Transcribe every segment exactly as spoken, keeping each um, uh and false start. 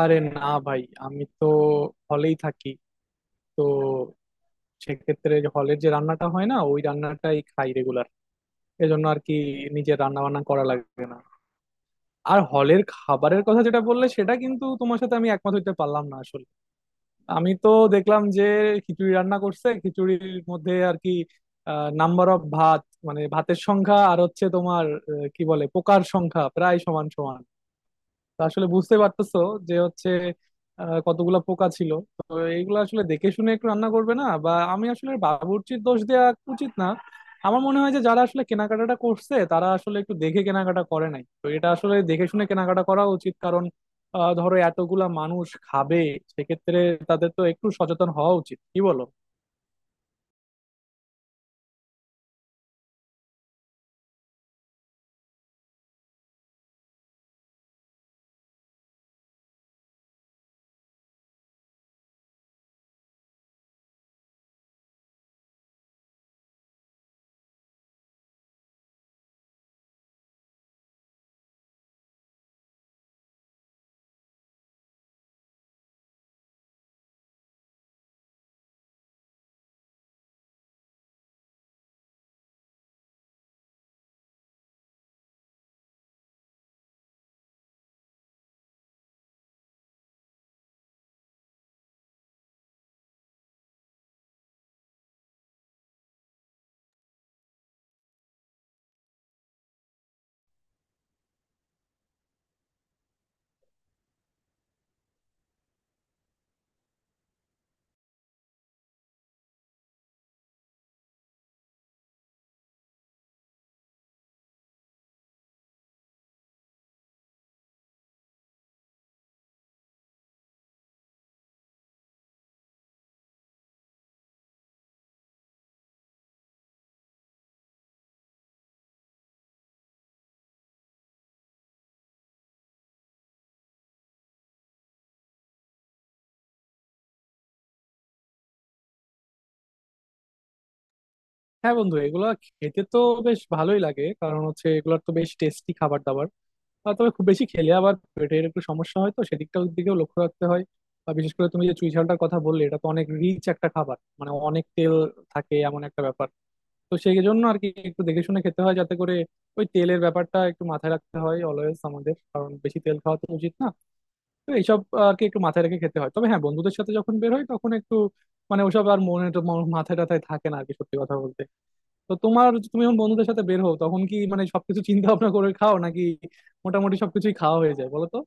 আরে না ভাই, আমি তো হলেই থাকি। তো সেক্ষেত্রে যে হলের যে রান্নাটা হয় না ওই রান্নাটাই খাই রেগুলার, এজন্য আর কি। নিজের রান্না বান্না করা লাগবে না। আর হলের খাবারের কথা যেটা বললে সেটা কিন্তু তোমার সাথে আমি একমত হইতে পারলাম না আসলে। আমি তো দেখলাম যে খিচুড়ি রান্না করছে, খিচুড়ির মধ্যে আর কি নাম্বার অফ ভাত, মানে ভাতের সংখ্যা আর হচ্ছে তোমার আহ, কি বলে পোকার সংখ্যা প্রায় সমান সমান। তো আসলে বুঝতে পারতেছো যে হচ্ছে আহ, কতগুলা পোকা ছিল। তো এইগুলো আসলে দেখে শুনে একটু রান্না করবে না, বা আমি আসলে বাবুর্চির দোষ দেওয়া উচিত না। আমার মনে হয় যে যারা আসলে কেনাকাটাটা করছে তারা আসলে একটু দেখে কেনাকাটা করে নাই, তো এটা আসলে দেখে শুনে কেনাকাটা করা উচিত, কারণ আহ, ধরো এতগুলা মানুষ খাবে, সেক্ষেত্রে তাদের তো একটু সচেতন হওয়া উচিত, কি বলো? হ্যাঁ বন্ধু, এগুলা খেতে তো বেশ ভালোই লাগে, কারণ হচ্ছে এগুলোর তো বেশ টেস্টি খাবার দাবার। আহ, তবে খুব বেশি খেলে আবার পেটের একটু সমস্যা হয়, তো সেদিকটার দিকেও লক্ষ্য রাখতে হয়। আর বিশেষ করে তুমি যে চুই ঝালটার কথা বললে এটা তো অনেক রিচ একটা খাবার, মানে অনেক তেল থাকে এমন একটা ব্যাপার। তো সেই জন্য আর কি একটু দেখে শুনে খেতে হয়, যাতে করে ওই তেলের ব্যাপারটা একটু মাথায় রাখতে হয় অলওয়েজ আমাদের, কারণ বেশি তেল খাওয়া তো উচিত না। তো এইসব আর কি একটু মাথায় রেখে খেতে হয়। তবে হ্যাঁ, বন্ধুদের সাথে যখন বের হয় তখন একটু মানে ওসব আর মনে তো ম- মাথায় টাথায় থাকে না আর কি, সত্যি কথা বলতে। তো তোমার, তুমি যখন বন্ধুদের সাথে বের হও তখন কি মানে সবকিছু চিন্তা ভাবনা করে খাও, নাকি মোটামুটি সবকিছুই খাওয়া হয়ে যায় বলো তো?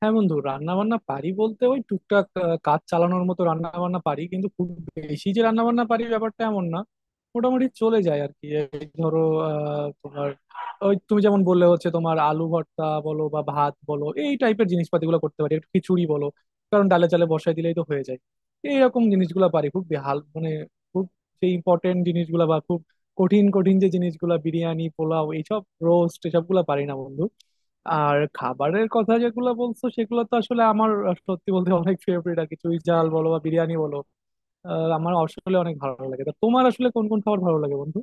হ্যাঁ বন্ধু, রান্না বান্না পারি বলতে ওই টুকটাক আহ, কাজ চালানোর মতো রান্না বান্না পারি, কিন্তু খুব বেশি যে রান্না বান্না পারি ব্যাপারটা এমন না। মোটামুটি চলে যায় আর কি। এই ধরো আহ, তোমার ওই তুমি যেমন বললে হচ্ছে তোমার আলু ভর্তা বলো বা ভাত বলো এই টাইপের জিনিসপাতিগুলো করতে পারি, একটু খিচুড়ি বলো, কারণ ডালে চালে বসাই দিলেই তো হয়ে যায়। এইরকম জিনিসগুলো পারি। খুব বেহাল মানে খুব সেই ইম্পর্টেন্ট জিনিসগুলো বা খুব কঠিন কঠিন যে জিনিসগুলো বিরিয়ানি পোলাও এইসব রোস্ট এসবগুলো পারি না বন্ধু। আর খাবারের কথা যেগুলো বলছো সেগুলো তো আসলে আমার, সত্যি বলতে, অনেক ফেভারিট আর কি। চুই ঝাল বলো বা বিরিয়ানি বলো, আহ, আমার আসলে অনেক ভালো লাগে। তা তোমার আসলে কোন কোন খাবার ভালো লাগে বন্ধু?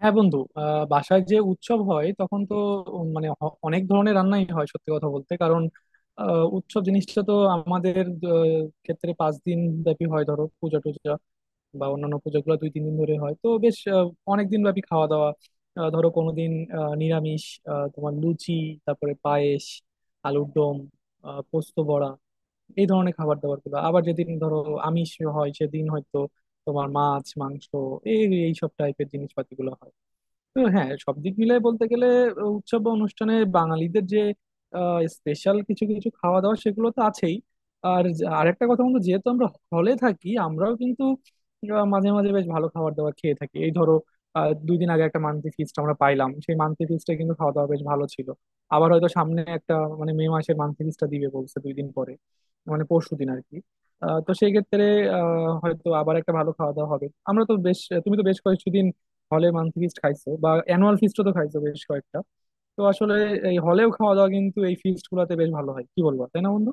হ্যাঁ বন্ধু, আহ, বাসায় যে উৎসব হয় তখন তো উম, মানে হ- অনেক ধরনের রান্নাই হয়, সত্যি কথা বলতে। কারণ আহ, উৎসব জিনিসটা তো আমাদের আহ, ক্ষেত্রে পাঁচ দিন ব্যাপী হয়, ধরো পূজা টুজা বা অন্যান্য পুজোগুলো দুই তিন দিন ধরে হয়, তো বেশ আহ, অনেক দিন ব্যাপী খাওয়া দাওয়া। আহ, ধরো কোনোদিন আহ, নিরামিষ, আহ, তোমার লুচি, তারপরে পায়েস, আলুর দম, আহ, পোস্ত বড়া, এই ধরনের খাবার দাবার গুলো। আবার যেদিন ধরো আমিষ হয় সেদিন হয়তো তোমার মাছ মাংস এই এইসব টাইপের জিনিসপাতি গুলো হয়। তো হ্যাঁ, সব দিক মিলাই বলতে গেলে আহ, উৎসব বা অনুষ্ঠানে বাঙালিদের যে স্পেশাল কিছু কিছু খাওয়া দাওয়া সেগুলো তো আছেই। আর যে- আরেকটা কথা বন্ধু, যেহেতু আমরা হলে থাকি, আমরাও কিন্তু আহ, মাঝে মাঝে বেশ ভালো খাবার দাবার খেয়ে থাকি। এই ধরো আহ, দুই দিন আগে একটা মান্থলি ফিস্ট আমরা পাইলাম, সেই মান্থলি ফিস্টে কিন্তু খাওয়া দাওয়া বেশ ভালো ছিল। আবার হয়তো সামনে একটা মানে মে মাসে মান্থলি ফিস্টটা দিবে বলছে, দুই দিন পরে মানে পরশু দিন আর কি। আহ, তো সেই ক্ষেত্রে আহ, হয়তো আবার একটা ভালো খাওয়া দাওয়া হবে। আমরা তো বেশ, তুমি তো বেশ কয়েকদিন হলে মান্থলি ফিস্ট খাইছো বা অ্যানুয়াল ফিস্টও তো খাইছো বেশ কয়েকটা। তো আসলে এই হলেও খাওয়া দাওয়া কিন্তু এই ফিস্ট গুলাতে বেশ ভালো হয়, কি বলবো তাই না বন্ধু?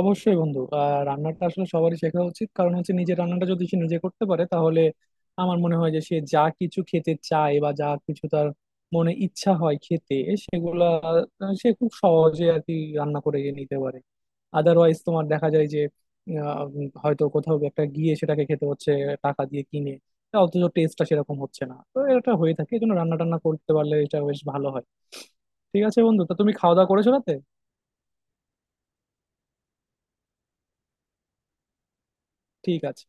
অবশ্যই বন্ধু, আহ রান্নাটা আসলে সবারই শেখা উচিত, কারণ হচ্ছে নিজের রান্নাটা যদি সে নিজে করতে পারে তাহলে আমার মনে হয় যে সে যা কিছু খেতে চায় বা যা কিছু তার মনে ইচ্ছা হয় খেতে সেগুলা আহ, সে খুব সহজে আর কি রান্না করে নিতে পারে। আদারওয়াইজ তোমার দেখা যায় যে আহ, উম, হয়তো কোথাও একটা গিয়ে সেটাকে খেতে হচ্ছে টাকা দিয়ে কিনে, তা অথচ টেস্টটা সেরকম হচ্ছে না। তো এটা হয়ে থাকে, এই জন্য রান্না টান্না করতে পারলে এটা বেশ ভালো হয়। ঠিক আছে বন্ধু, তো তুমি খাওয়া দাওয়া করেছো রাতে? ঠিক আছে।